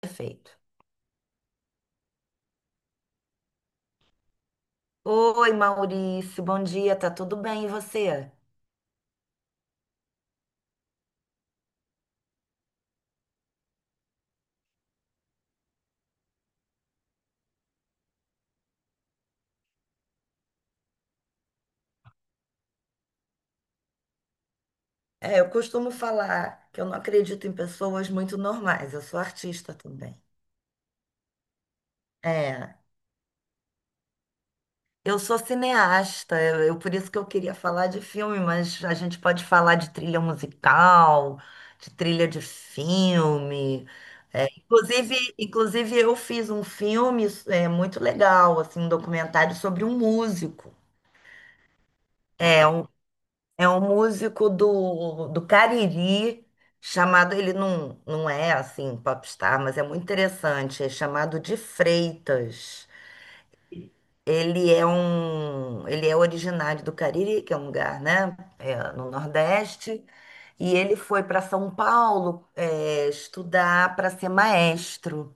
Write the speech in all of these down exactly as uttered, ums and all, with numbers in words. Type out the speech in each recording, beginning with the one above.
Perfeito. Oi, Maurício, bom dia, tá tudo bem? E você? É, eu costumo falar que eu não acredito em pessoas muito normais, eu sou artista também. É, eu sou cineasta, eu, eu- por isso que eu queria falar de filme, mas a gente pode falar de trilha musical, de trilha de filme. É, inclusive, inclusive, eu fiz um filme é, muito legal, assim, um documentário sobre um músico. É, um, É um músico do, do Cariri, chamado, ele não, não é assim popstar, mas é muito interessante, é chamado de Freitas. Ele é um, ele é originário do Cariri, que é um lugar, né, é, no Nordeste, e ele foi para São Paulo, é, estudar para ser maestro.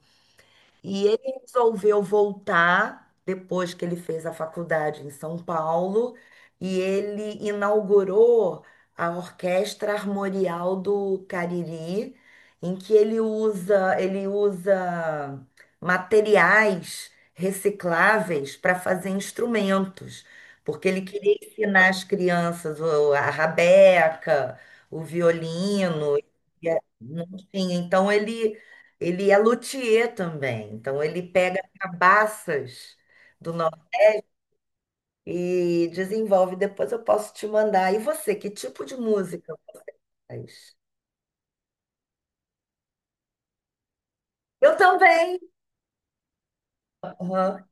E ele resolveu voltar depois que ele fez a faculdade em São Paulo e ele inaugurou a Orquestra Armorial do Cariri, em que ele usa, ele usa materiais recicláveis para fazer instrumentos, porque ele queria ensinar as crianças o- a rabeca, o violino, e a- não tinha. Então ele ele é luthier também, então ele pega cabaças do nosso e desenvolve. Depois eu posso te mandar. E você, que tipo de música faz? Eu também. Aham.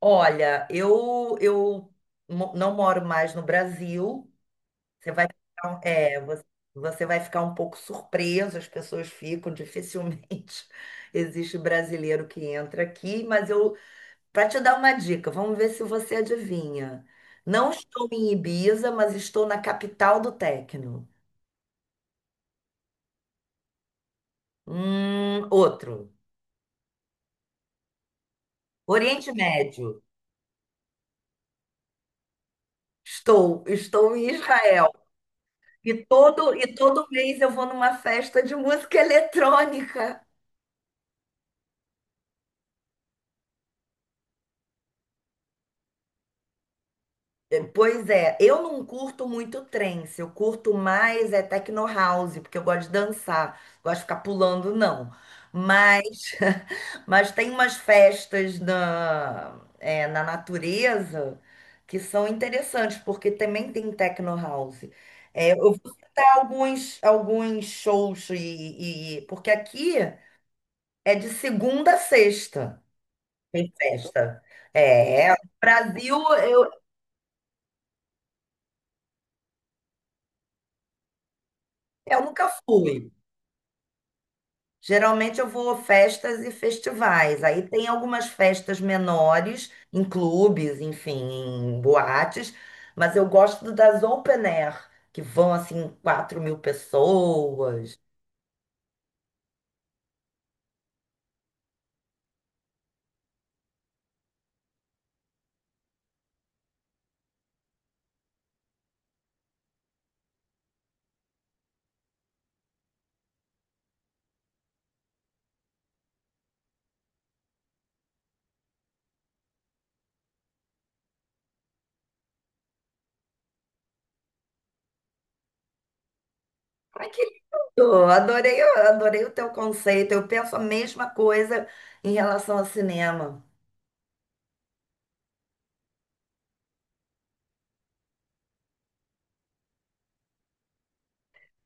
Olha, eu eu mo- não moro mais no Brasil. Você vai ficar, um- é, você você vai ficar um pouco surpreso, as pessoas ficam dificilmente. Existe brasileiro que entra aqui, mas eu Para te dar uma dica, vamos ver se você adivinha. Não estou em Ibiza, mas estou na capital do techno. Hum, outro. Oriente Médio. Estou, estou em Israel. E todo, e todo mês eu vou numa festa de música eletrônica. É, pois é, eu não curto muito trance, eu curto mais é techno house, porque eu gosto de dançar, gosto de ficar pulando, não. Mas, mas tem umas festas na, é, na natureza que são interessantes, porque também tem techno house. É, eu vou citar alguns, alguns shows, e, e- porque aqui é de segunda a sexta, tem festa. É, Brasil eu, eu nunca fui. Geralmente eu vou a festas e festivais. Aí tem algumas festas menores, em clubes, enfim, em boates, mas eu gosto das open air, que vão assim quatro mil pessoas. Ai, que lindo! Adorei, adorei o teu conceito. Eu penso a mesma coisa em relação ao cinema.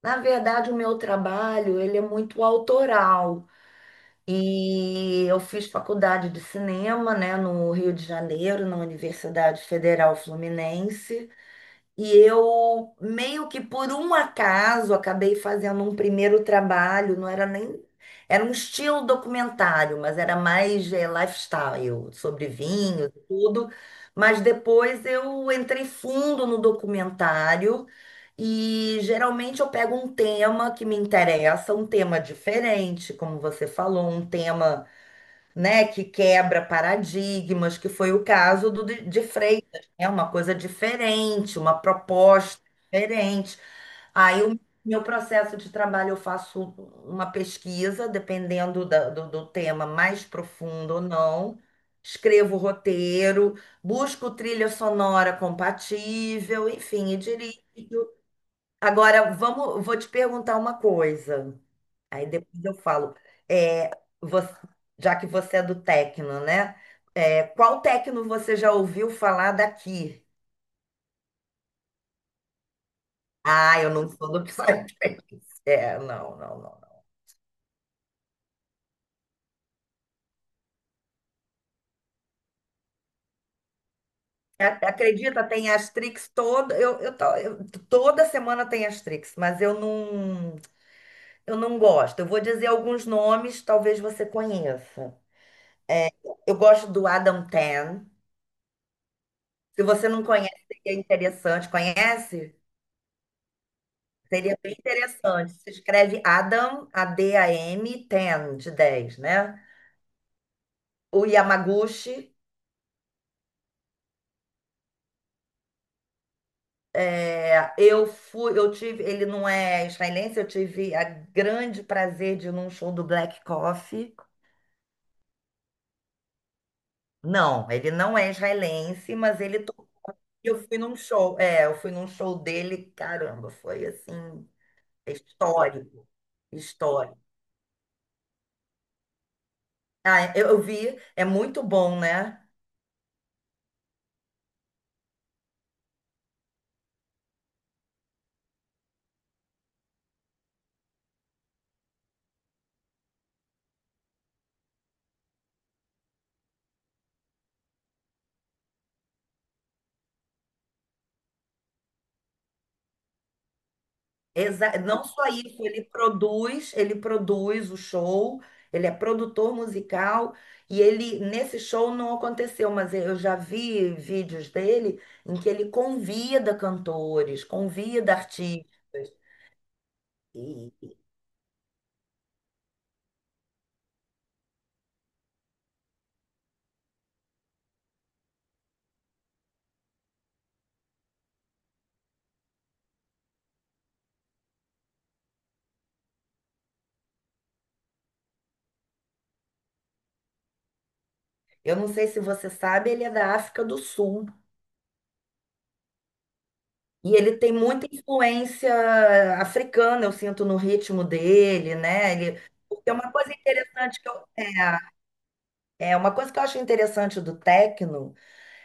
Na verdade, o meu trabalho, ele é muito autoral. E eu fiz faculdade de cinema, né, no Rio de Janeiro, na Universidade Federal Fluminense. E eu, meio que por um acaso, acabei fazendo um primeiro trabalho, não era nem. Era um estilo documentário, mas era mais eh, lifestyle, sobre vinho, tudo. Mas depois eu entrei fundo no documentário e geralmente eu pego um tema que me interessa, um tema diferente, como você falou, um tema, né, que quebra paradigmas, que foi o caso do de de Freitas, é uma coisa diferente, uma proposta diferente. Aí o meu processo de trabalho eu faço uma pesquisa, dependendo da- do, do tema mais profundo ou não. Escrevo o roteiro, busco trilha sonora compatível, enfim, e dirijo. Agora, vamos, vou te perguntar uma coisa. Aí depois eu falo, é, você- já que você é do techno, né? É, qual techno você já ouviu falar daqui? Ah, eu não sou do Psytrance. É, não, não, não. A- Acredita, tem Astrix toda, eu, eu, to- eu- toda semana tem Astrix, mas eu não, eu não gosto. Eu vou dizer alguns nomes, talvez você conheça. Eu gosto do Adam Tan. Se você não conhece, é interessante. Conhece? Seria bem interessante. Se escreve Adam, A D A M, dez, de dez, né? O Yamaguchi, é, eu fui, eu tive, ele não é israelense, eu tive a grande prazer de ir num show do Black Coffee. Não, ele não é israelense, mas ele tocou, eu fui num show, é, eu fui num show dele, caramba, foi assim, histórico, histórico. Ah, eu eu vi, é muito bom, né? Exa- Não só isso, ele produz, ele produz o show, ele é produtor musical e ele nesse show não aconteceu, mas eu já vi vídeos dele em que ele convida cantores, convida artistas. E eu não sei se você sabe, ele é da África do Sul e ele tem muita influência africana, eu sinto no ritmo dele, né? Ele, porque é uma coisa interessante que eu, é é uma coisa que eu acho interessante do techno.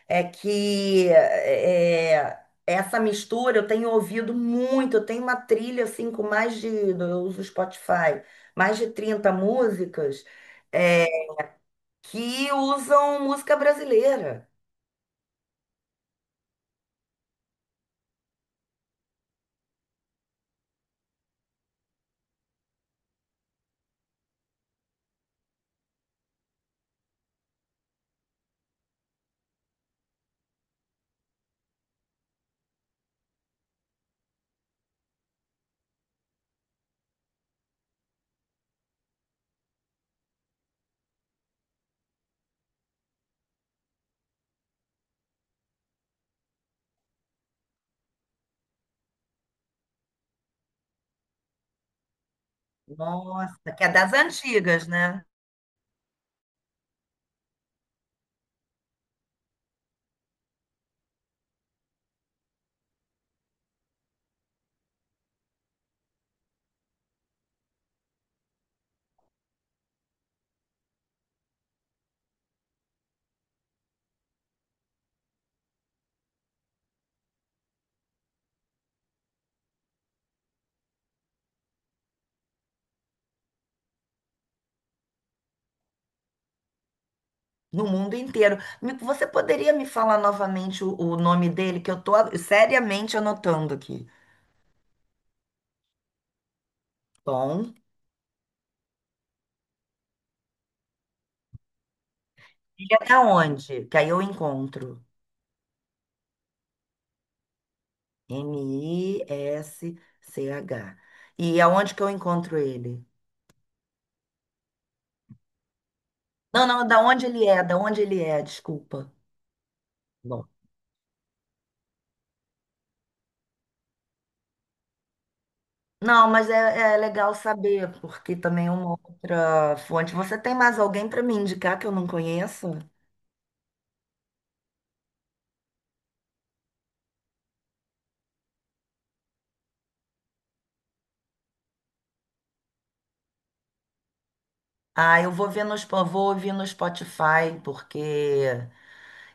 É que é, essa mistura eu tenho ouvido muito. Eu tenho uma trilha assim com mais de, eu uso o Spotify, mais de trinta músicas é, que usam música brasileira. Nossa, que é das antigas, né? No mundo inteiro. Me- Você poderia me falar novamente o, o nome dele, que eu tô seriamente anotando aqui. Tom, ele é da onde? Que aí eu encontro. M I S C H. E aonde que eu encontro ele? Não, não, da onde ele é, da onde ele é, desculpa. Bom, não, mas é, é legal saber, porque também é uma outra fonte. Você tem mais alguém para me indicar que eu não conheço? Ah, eu vou ver no, Spo- vou ouvir no Spotify, porque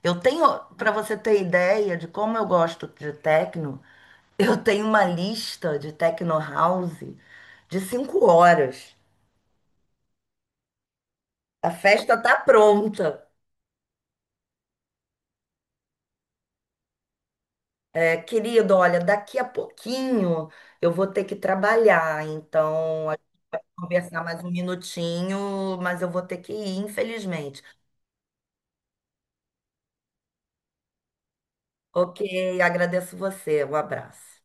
eu tenho, para você ter ideia de como eu gosto de techno, eu tenho uma lista de techno house de cinco horas. A festa tá pronta. É, querido, olha, daqui a pouquinho eu vou ter que trabalhar, então a gente vai conversar mais um minutinho, mas eu vou ter que ir, infelizmente. Ok, agradeço você, um abraço.